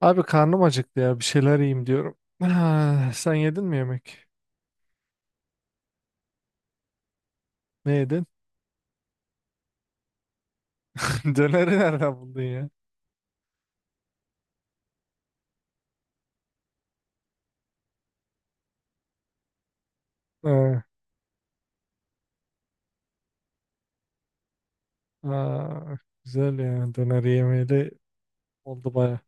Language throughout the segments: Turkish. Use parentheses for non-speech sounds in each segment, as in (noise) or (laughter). Abi karnım acıktı ya, bir şeyler yiyeyim diyorum. Ah, sen yedin mi yemek? Ne yedin? (laughs) Döneri nereden buldun ya? Ha, ha, güzel ya, döner yemeyeli oldu baya.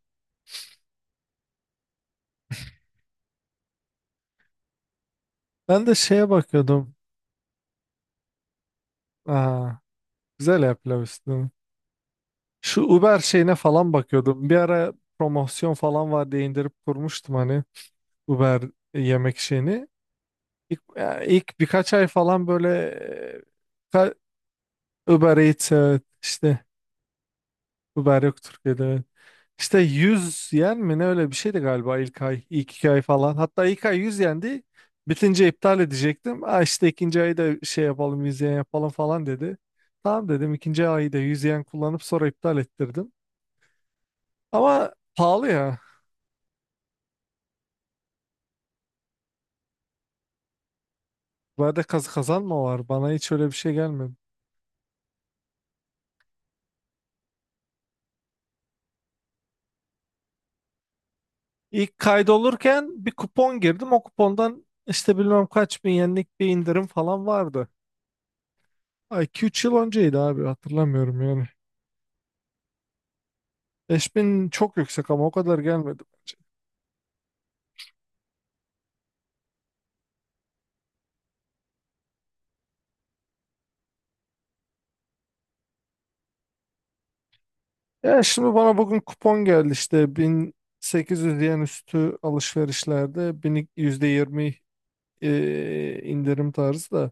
Ben de şeye bakıyordum. Aa, güzel ya, pilav üstüne. Şu Uber şeyine falan bakıyordum. Bir ara promosyon falan var diye indirip kurmuştum hani Uber yemek şeyini. İlk, ya ilk birkaç ay falan böyle e, ka- Uber Eats, evet, işte Uber yok Türkiye'de. Evet. İşte 100 yen mi ne, öyle bir şeydi galiba ilk ay, ilk iki ay falan. Hatta ilk ay 100 yendi. Bitince iptal edecektim. Aa, işte ikinci ayı da şey yapalım, 100 yen yapalım falan dedi. Tamam dedim, ikinci ayı da 100 yen kullanıp sonra iptal ettirdim. Ama pahalı ya. Uber'de kaz kazanma var. Bana hiç öyle bir şey gelmedi. İlk kaydolurken bir kupon girdim. O kupondan işte bilmem kaç bin yenlik bir indirim falan vardı. Ay, iki üç yıl önceydi abi, hatırlamıyorum yani. 5.000 çok yüksek ama o kadar gelmedi bence. Ya şimdi bana bugün kupon geldi, işte 1800 yen üstü alışverişlerde bin yüzde %20 indirim tarzı da.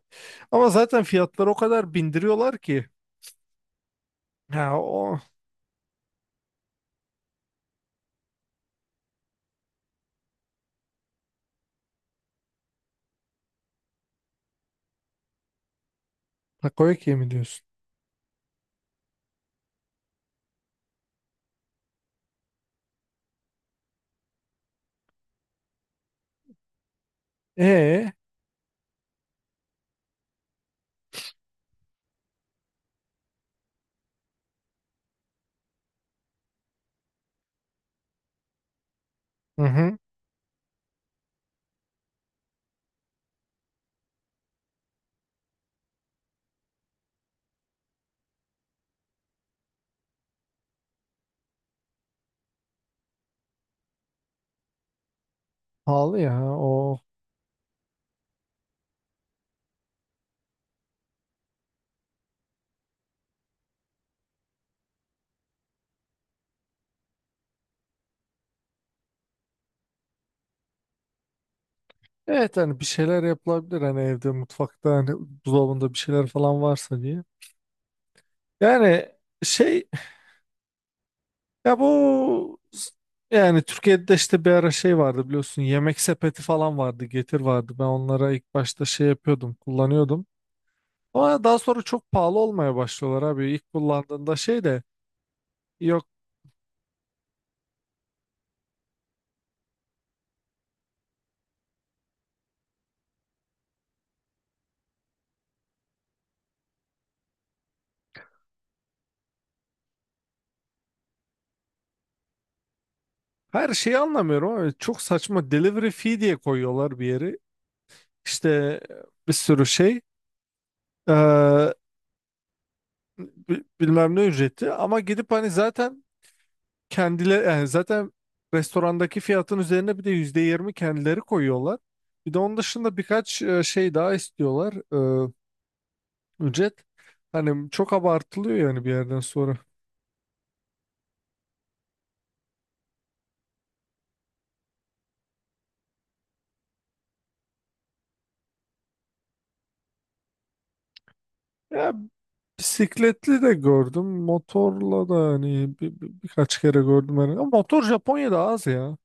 Ama zaten fiyatları o kadar bindiriyorlar ki. Ha, o takoyaki mi diyorsun? E hı hı, pahalı ya o. Evet, hani bir şeyler yapılabilir, hani evde, mutfakta, hani buzdolabında bir şeyler falan varsa diye. Yani şey, ya bu, yani Türkiye'de işte bir ara şey vardı, biliyorsun, yemek sepeti falan vardı, getir vardı. Ben onlara ilk başta şey yapıyordum, kullanıyordum, ama daha sonra çok pahalı olmaya başlıyorlar abi. İlk kullandığında şey de yok. Her şeyi anlamıyorum ama çok saçma delivery fee diye koyuyorlar bir yeri, işte bir sürü şey, eee, bilmem ne ücreti. Ama gidip hani, zaten kendileri, yani zaten restorandaki fiyatın üzerine bir de %20 kendileri koyuyorlar. Bir de onun dışında birkaç şey daha istiyorlar, e, ücret. Hani çok abartılıyor yani bir yerden sonra. Ya bisikletli de gördüm, motorla da, hani birkaç kere gördüm hani. Ama motor Japonya'da az ya.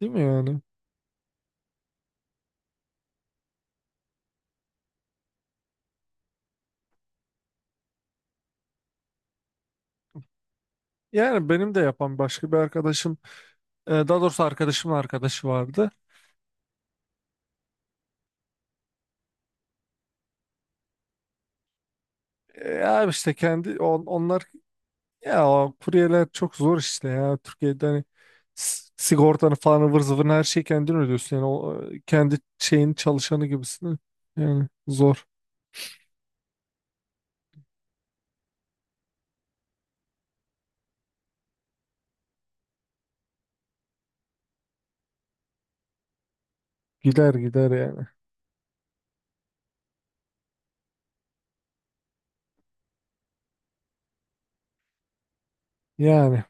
Değil mi yani? Yani benim de yapan başka bir arkadaşım, daha doğrusu arkadaşımın arkadaşı vardı. Ya işte ya o kuryeler çok zor işte ya. Türkiye'de hani sigortanı falan, ıvır zıvırını, her şeyi kendin ödüyorsun. Yani o, kendi şeyin çalışanı gibisin. Yani zor. Gider gider yani. Yani.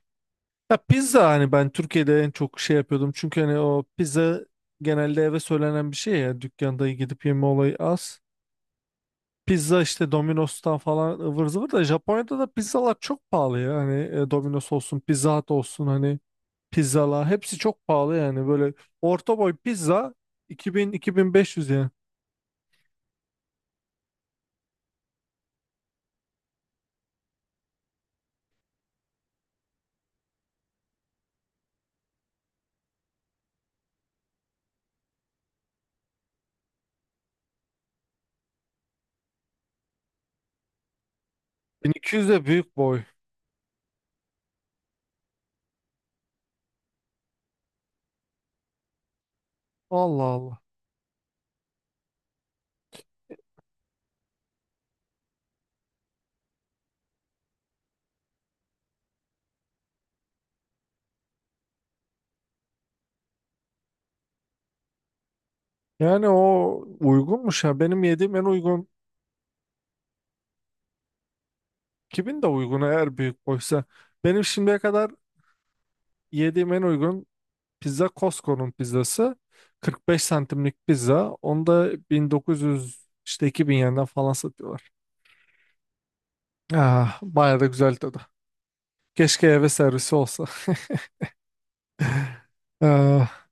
Ya pizza, hani ben Türkiye'de en çok şey yapıyordum. Çünkü hani o pizza genelde eve söylenen bir şey ya. Dükkanda gidip yeme olayı az. Pizza işte Domino's'tan falan ıvır zıvır, da Japonya'da da pizzalar çok pahalı ya. Hani Domino's olsun, Pizza Hut olsun, hani pizzalar hepsi çok pahalı yani. Böyle orta boy pizza 2000-2500 yani. 1200 de büyük boy. Allah Allah, yani o uygunmuş ya. Benim yediğim en uygun 2000 de uygun, eğer büyük boysa. Benim şimdiye kadar yediğim en uygun pizza Costco'nun pizzası. 45 santimlik pizza, onu da 1900, işte 2000 yerinden falan satıyorlar. Ah, bayağı da güzel tadı. Keşke eve servisi olsa. (laughs) Ah,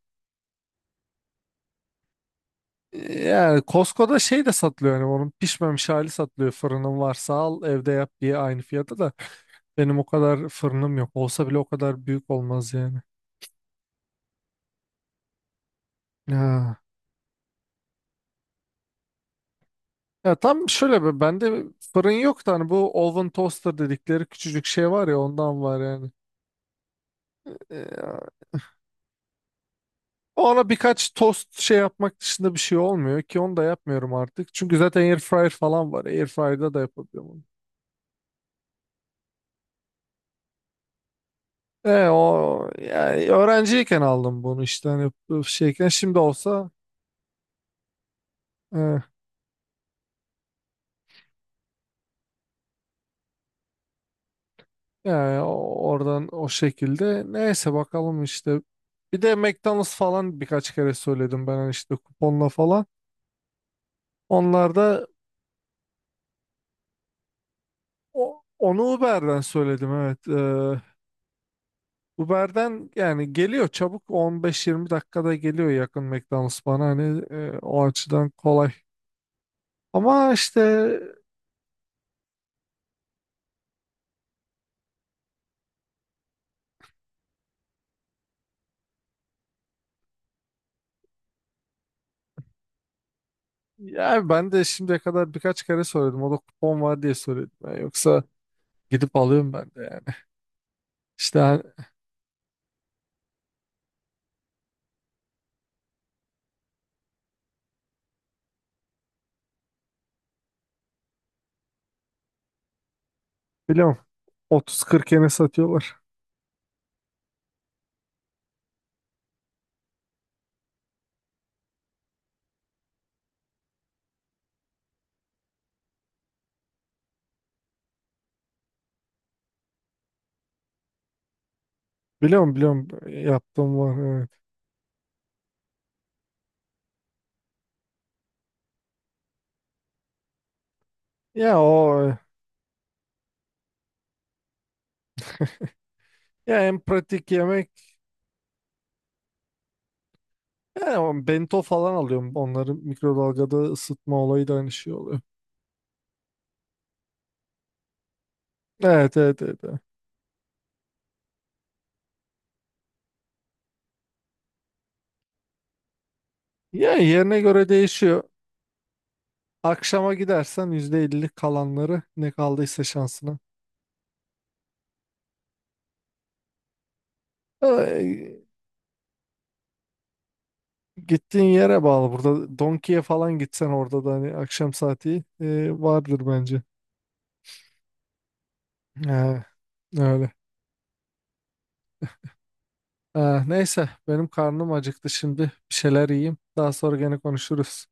yani Costco'da şey de satılıyor, yani onun pişmemiş hali satılıyor. Fırının varsa al, evde yap diye, aynı fiyata da. Benim o kadar fırınım yok. Olsa bile o kadar büyük olmaz yani. Ya, ya tam şöyle, be bende fırın yok da, hani bu oven toaster dedikleri küçücük şey var ya, ondan var yani. Ee, ona birkaç tost şey yapmak dışında bir şey olmuyor ki, onu da yapmıyorum artık. Çünkü zaten air fryer falan var. Air fryer'da da yapabiliyorum. O, yani öğrenciyken aldım bunu, işte hani bu şeyken, şimdi olsa e, yani oradan o şekilde, neyse bakalım işte. Bir de McDonald's falan birkaç kere söyledim ben, hani işte kuponla falan. Onlar da onu Uber'den söyledim, evet. Uber'den yani geliyor, çabuk 15-20 dakikada geliyor, yakın McDonald's bana hani, o açıdan kolay. Ama işte. Yani ben de şimdiye kadar birkaç kere söyledim. O da kupon var diye söyledim ben. Yoksa gidip alıyorum ben de yani. İşte hani- biliyorum, 30-40 yene satıyorlar. Biliyorum, biliyorum, yaptığım var, evet. Ya o, ya en pratik yemek. He, o bento falan alıyorum. Onları mikrodalgada ısıtma olayı da aynı şey oluyor. Evet, evet, evet, evet. Yani yerine göre değişiyor. Akşama gidersen %50 kalanları ne kaldıysa şansına. Ee, gittiğin yere bağlı. Burada Donki'ye falan gitsen, orada da hani akşam saati vardır bence. He, öyle. Neyse, benim karnım acıktı şimdi. Bir şeyler yiyeyim. Daha sonra gene konuşuruz.